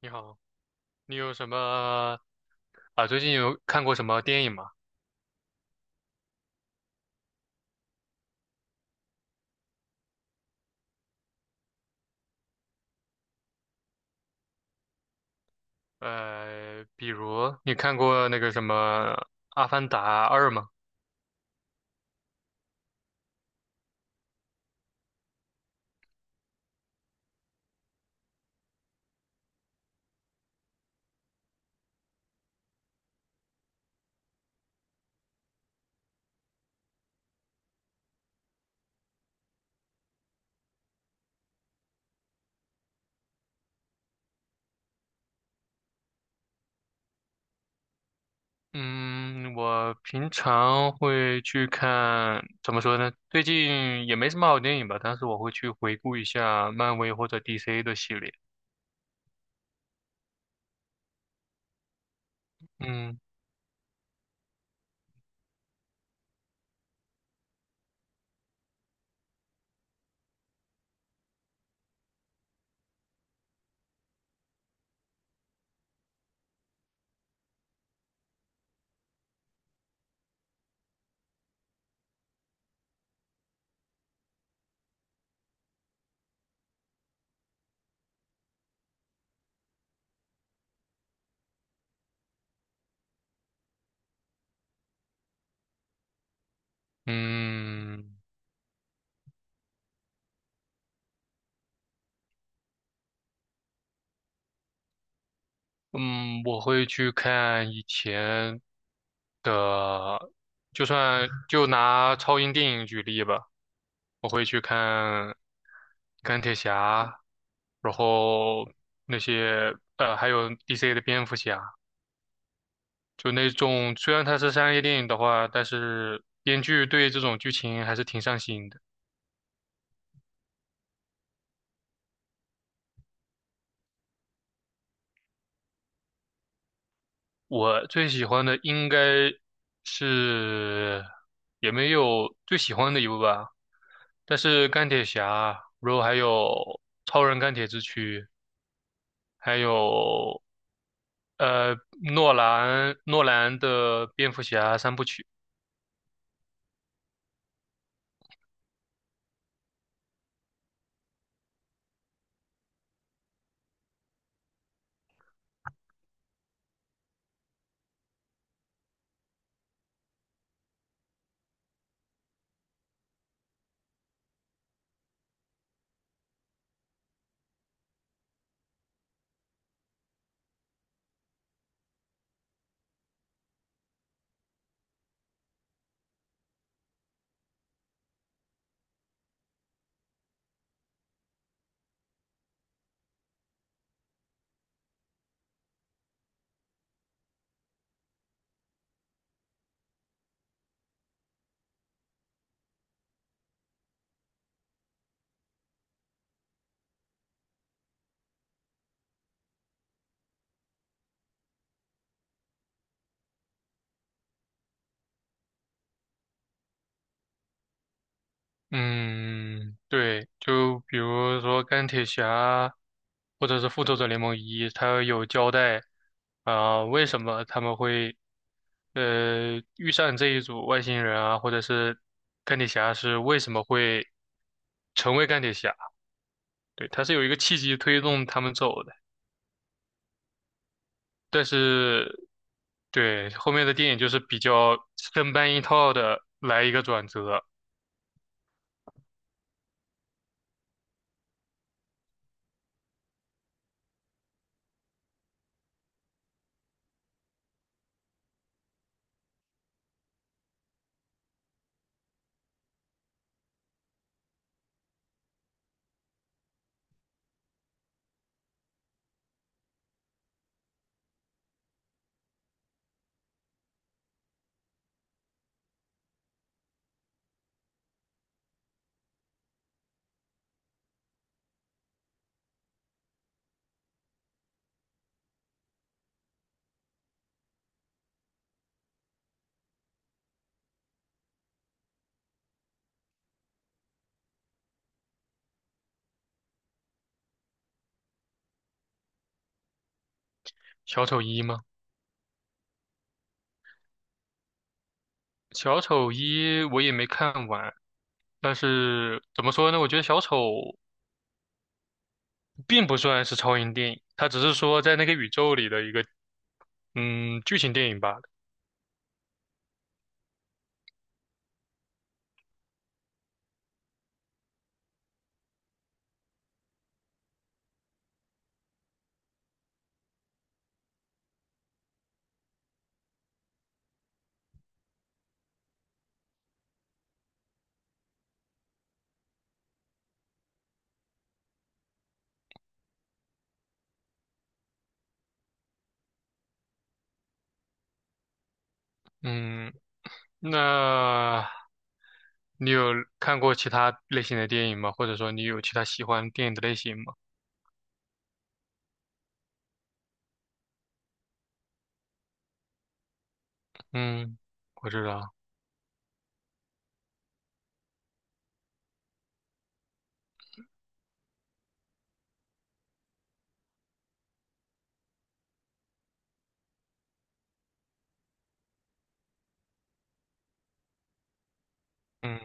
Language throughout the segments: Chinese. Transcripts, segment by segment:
你好，你有什么啊？最近有看过什么电影吗？比如你看过那个什么《阿凡达二》吗？嗯，我平常会去看，怎么说呢？最近也没什么好电影吧，但是我会去回顾一下漫威或者 DC 的系列。嗯嗯嗯，我会去看以前的，就算就拿超英电影举例吧。我会去看钢铁侠，然后那些还有 DC 的蝙蝠侠，就那种虽然它是商业电影的话，但是编剧对这种剧情还是挺上心的。我最喜欢的应该是，也没有最喜欢的一部吧，但是钢铁侠，然后还有超人钢铁之躯，还有呃诺兰的蝙蝠侠三部曲。嗯，对，就比如说钢铁侠，或者是复仇者联盟一，它有交代啊，为什么他们会遇上这一组外星人啊，或者是钢铁侠是为什么会成为钢铁侠？对，它是有一个契机推动他们走的，但是对后面的电影就是比较生搬硬套的来一个转折。小丑一吗？小丑一我也没看完，但是怎么说呢？我觉得小丑并不算是超英电影，它只是说在那个宇宙里的一个剧情电影罢了。嗯，那你有看过其他类型的电影吗？或者说你有其他喜欢电影的类型吗？嗯，我知道。嗯，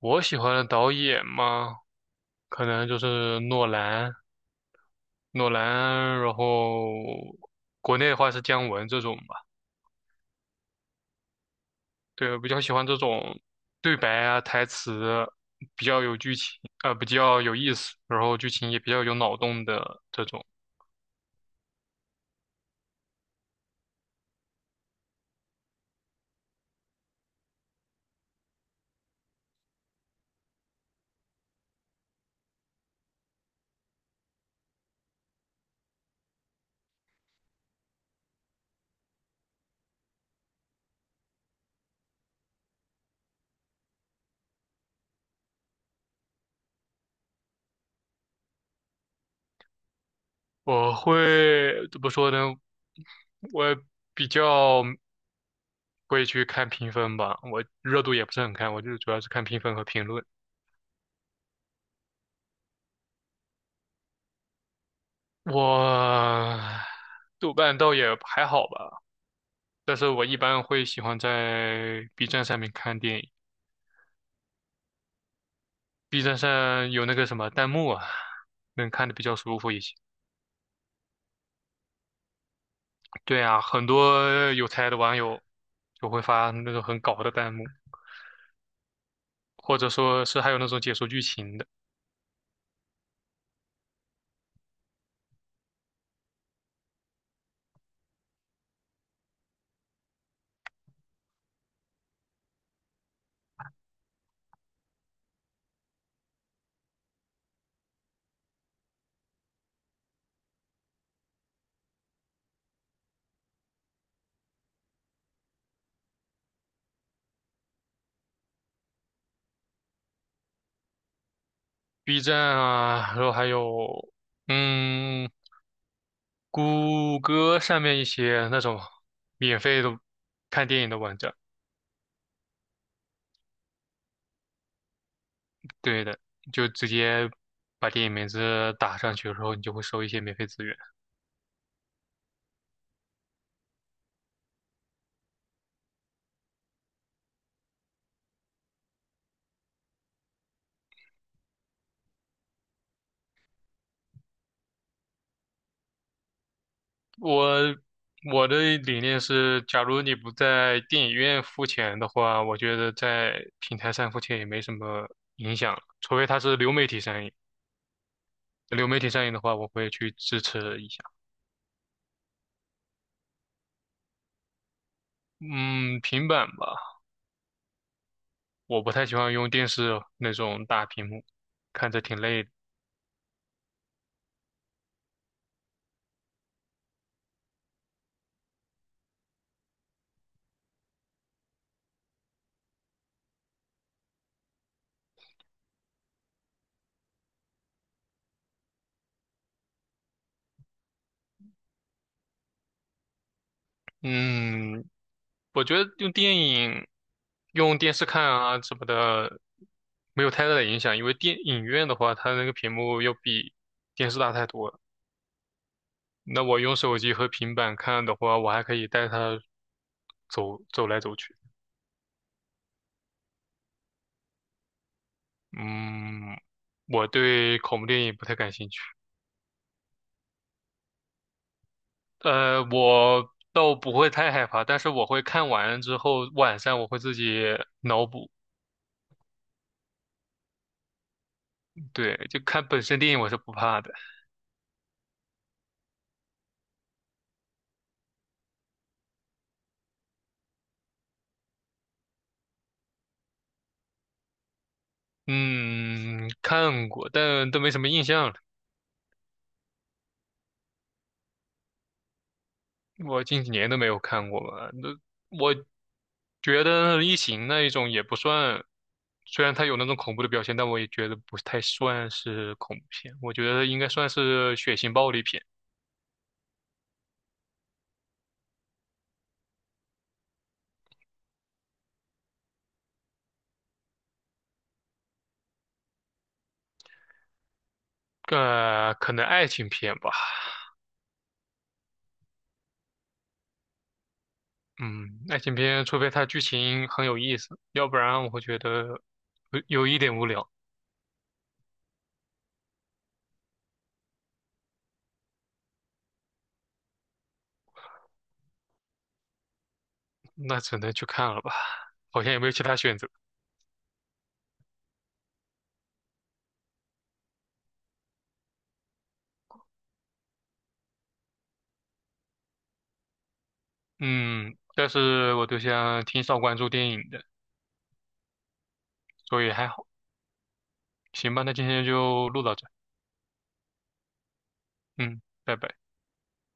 我喜欢的导演嘛，可能就是诺兰，诺兰，然后国内的话是姜文这种吧。对，我比较喜欢这种对白啊，台词比较有剧情，比较有意思，然后剧情也比较有脑洞的这种。我会怎么说呢？我比较会去看评分吧，我热度也不是很看，我就主要是看评分和评论。我豆瓣倒也还好吧，但是我一般会喜欢在 B 站上面看电影，B 站上有那个什么弹幕啊，能看的比较舒服一些。对啊，很多有才的网友就会发那种很搞的弹幕，或者说是还有那种解说剧情的。B 站啊，然后还有嗯，谷歌上面一些那种免费的看电影的网站。对的，就直接把电影名字打上去，然后你就会收一些免费资源。我我的理念是，假如你不在电影院付钱的话，我觉得在平台上付钱也没什么影响，除非它是流媒体上映。流媒体上映的话，我会去支持一下。嗯，平板吧，我不太喜欢用电视那种大屏幕，看着挺累的。嗯，我觉得用电影、用电视看啊什么的，没有太大的影响，因为电影院的话，它那个屏幕要比电视大太多了。那我用手机和平板看的话，我还可以带它走走来走去。嗯，我对恐怖电影不太感兴趣。我倒不会太害怕，但是我会看完之后，晚上我会自己脑补。对，就看本身电影我是不怕的。嗯，看过，但都没什么印象了。我近几年都没有看过吧，那我觉得《异形》那一种也不算，虽然它有那种恐怖的表现，但我也觉得不太算是恐怖片。我觉得应该算是血腥暴力片。可能爱情片吧。嗯，爱情片，除非它剧情很有意思，要不然我会觉得有一点无聊，那只能去看了吧。好像也没有其他选择。嗯，但是我对象挺少关注电影的，所以还好。行吧，那今天就录到这。嗯，拜拜。